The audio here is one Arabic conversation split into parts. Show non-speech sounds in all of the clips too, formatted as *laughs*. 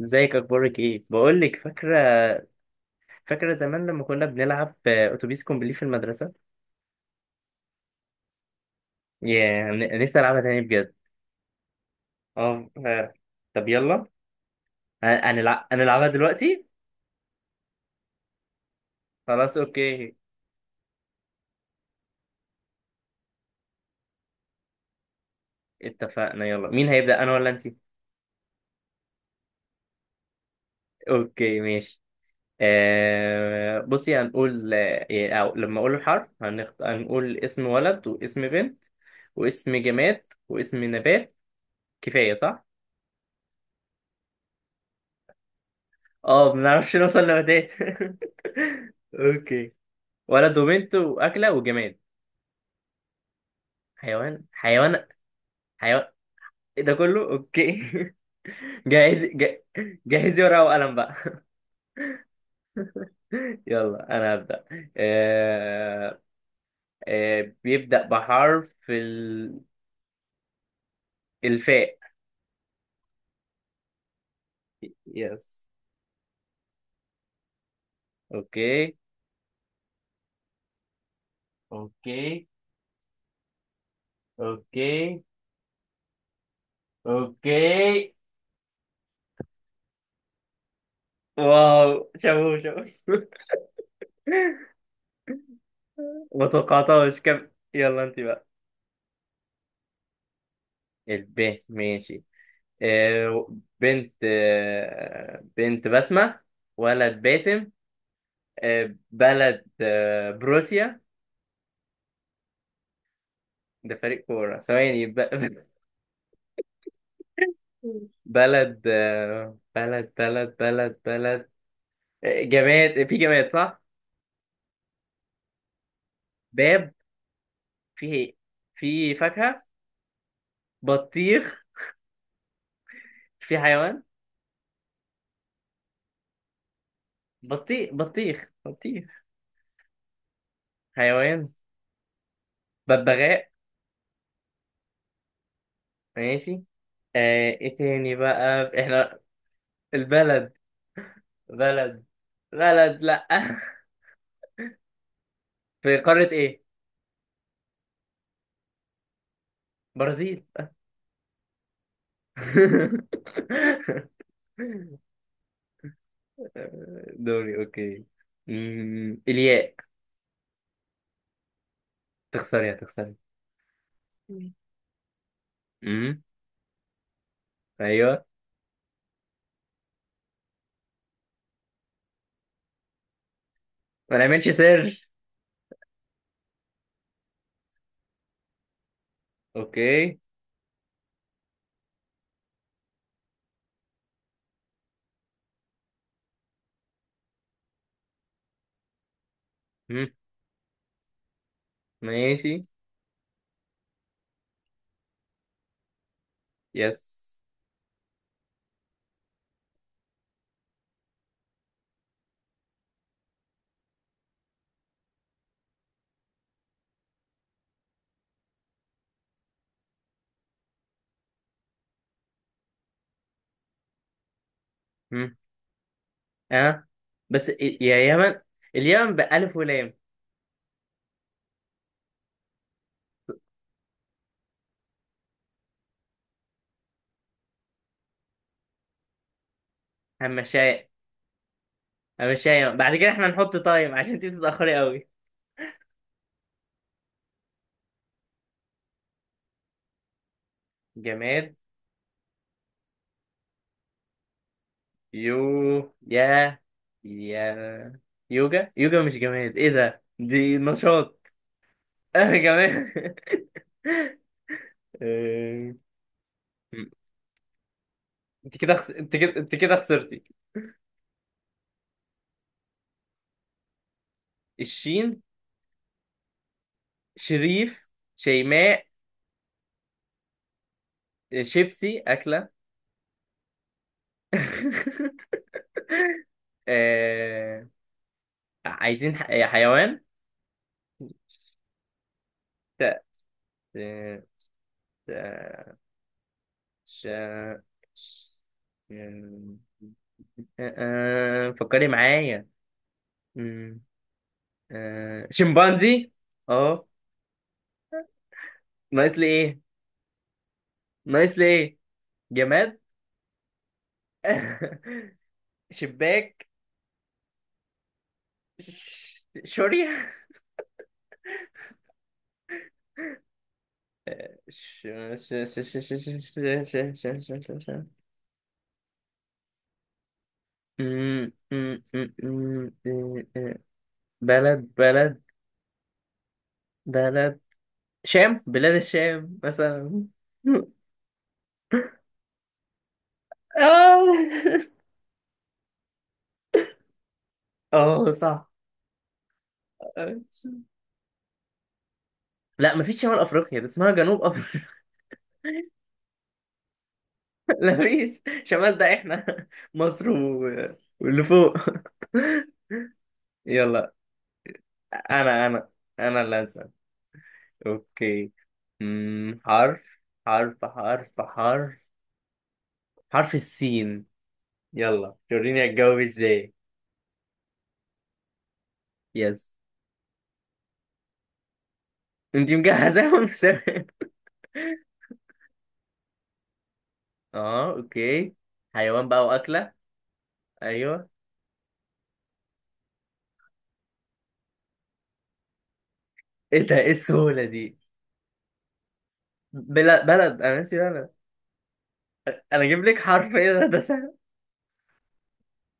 ازيك، اخبارك ايه؟ بقول لك، فاكره زمان لما كنا بنلعب اتوبيس كومبلي في المدرسه. يا نفسي العبها تاني بجد. اه، فعلا. طب يلا. ه- هنلعبها دلوقتي. خلاص، اوكي. اتفقنا، يلا مين هيبدا، انا ولا انت؟ اوكي، ماشي. بصي، هنقول آه، إيه، أو لما اقول الحرف هنقول اسم ولد واسم بنت واسم جماد واسم نبات، كفايه صح؟ اه، ما بنعرفش نوصل لنباتات. *laughs* اوكي. ولد وبنت واكله وجماد. حيوان، حيوان، حيوان. إيه ده كله؟ اوكي. *laughs* جاهز. جهزي ورقه وقلم بقى. *laughs* يلا، انا هبدا. آه... بيبدا بحرف الفاء. يس. اوكي، اوكي، اوكي، اوكي. واو، شابو شابو. *laughs* ما توقعتهاش كم. يلا انت بقى. الب، ماشي. آه، بنت بسمة. ولد باسم. بلد بروسيا. ده فريق كورة، ثواني. *laughs* بلد آه، بلد بلد بلد بلد. جماد، في جماد صح؟ باب. في إيه؟ في فاكهة. بطيخ. في حيوان. بطيخ، بطيخ، بطيخ. حيوان. ببغاء. ماشي. ايه تاني بقى احنا؟ البلد. بلد بلد، لا. *laughs* في قارة ايه؟ برازيل. *laughs* دوري، اوكي. الياء. تخسري، هتخسري. امم. ايوه. ما نعملش سيرش. اوكي. أمم، ماشي. يس. أمم، اه. بس يا يمن، اليمن بألف ولام. همشاية. همشاية بعد كده احنا نحط تايم عشان انت بتتأخري قوي. جماد. يو يا يا يوجا. يوجا مش جماد، ايه ده، دي نشاط. انا جماد. *laughs* آه، انت كده خس... انت كده انت كده خسرتي. الشين. شريف. شيماء. شيبسي اكله. *laughs* آه، عايزين حيوان. ت... ت... ت... ش... ش... آه، آه، فكري معايا. شمبانزي، اه. ناقص لي ايه؟ ناقص لي ايه؟ جماد. *laughs* شباك. شوري. ش... ش... ش... ش... ش... ش... ش... ش... ش... ش... ش... م- م- م- م- م- م- بلد بلد. بلد. شام، بلاد الشام مثلا. *laughs* اه. *laughs* اه، صح. لا، مفيش شمال افريقيا، ده اسمها جنوب. لا، مفيش شمال، ده احنا مصر و... واللي فوق. يلا. انا انا انا اللي هسأل. اوكي. أمم، حرف حرف حرف حرف حرف السين. يلا، وريني هتجاوب ازاي. يس. انت مجهزاهم. *laughs* اه، اوكي. حيوان بقى واكله. ايوه. ايه ده، ايه السهوله دي؟ بلد، انا ناسي بلد. انا اجيب لك حرف، ايه ده سهل.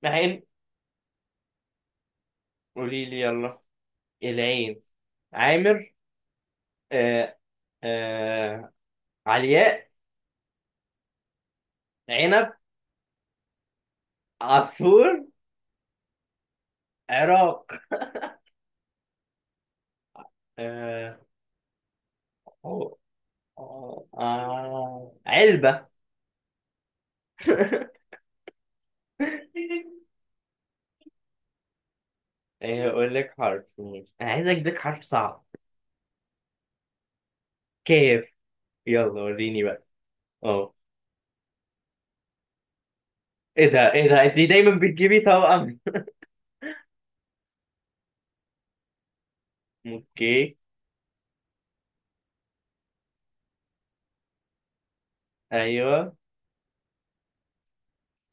العين. قولي لي، يلا. العين. عامر. آه آه علياء. عنب. عصفور. عراق. آه آه علبة. *laughs* أقول لك حرف، ماشي. أنا عايز أديك حرف صعب. كيف. يلا، وريني بقى. أه. إيه ده، إيه ده، أنت دايما بتجيبي توأم. *laughs* أوكي. أيوه.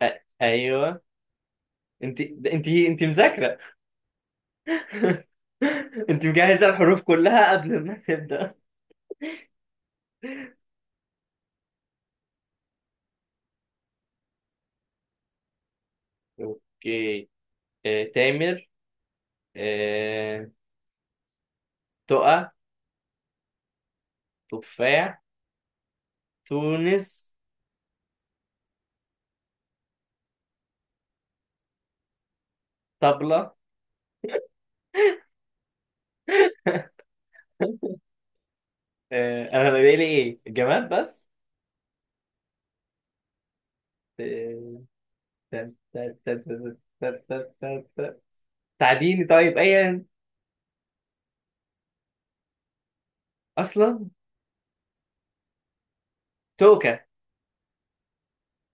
أيوه. أنت مذاكرة. *laughs* أنت مجهزة الحروف كلها قبل ما تبدأ. اوكي. تامر. آه، تقى. تفاح. تونس. طبلة. أنا بقى لي إيه، الجماد بس. آه، تا- تا- تا- تا- تا- تا- تا- تا- تعديني طيب، أيا أصلا. توكة.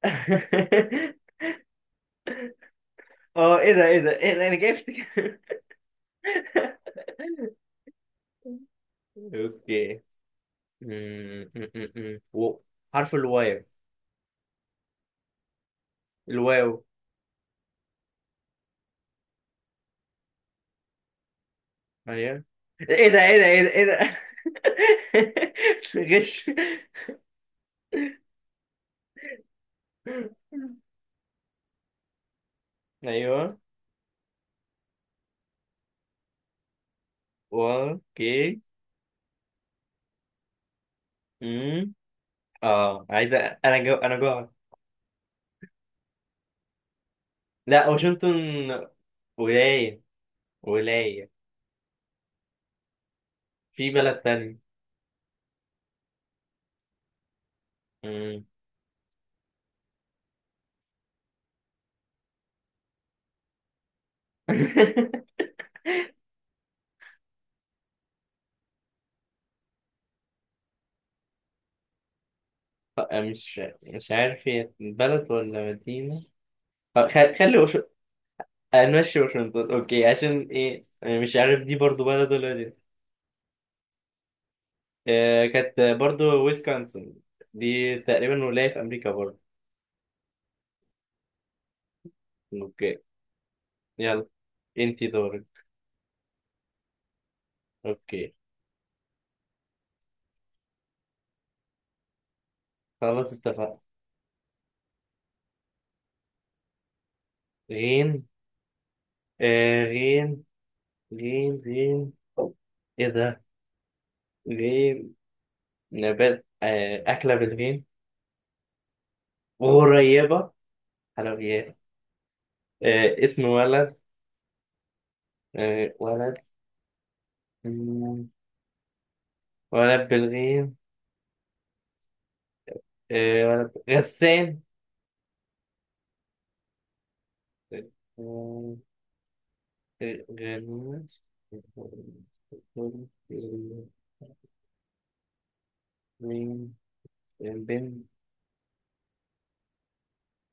*laughs* اه، ايه ده، ايه ده، ايه ده، انا جبت. *laughs* اوكي. أمم، أمم، أمم. و- حرف الواو. الواو. ايوه. ايه ده، ايه ده، ايه ده، ايه ده. *laughs* غش. ايوه. اوكي. امم. اه، عايز انا جوع. لا واشنطن. ولاية. ولاية. في بلد تاني. امم. *laughs* مش عارف هي بلد ولا مدينة. خلي نمشي واشنطن، اوكي. عشان ايه يعني؟ مش عارف دي برضو بلد، ولا دي. كانت برضو ويسكونسن. دي تقريبا ولاية في امريكا برضو. اوكي. يلا. انتي دورك. اوكي. خلاص، اتفقنا. غين. آه غيم غيم غيم. ايه ده؟ غيم. نبات، أكلة بالغيم. غريبة. حلويات. اسم ولد. ولد. مم. ولد بالغيم. ولد غسان. آه، غنوش. غيم. بنت.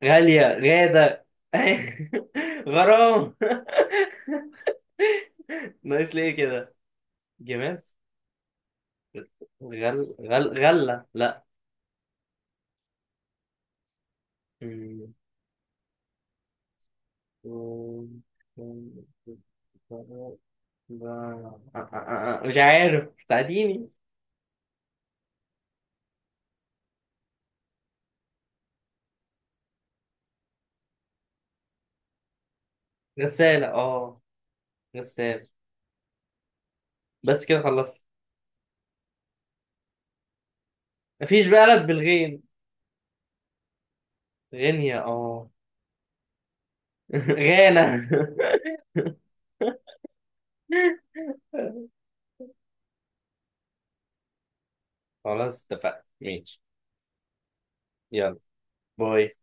غالية، غادة، *laughs* غرام. *laughs* ناقص ليه كده. جمال. غل غل غلة، لا. مم. مش عارف، ساعديني. غسالة، اه. غسالة. بس كده خلصت. مفيش بلد بالغين. غينيا، اه. *laughs* غانا. *laughs* خلاص، اتفقنا ماشي. يلا. باي.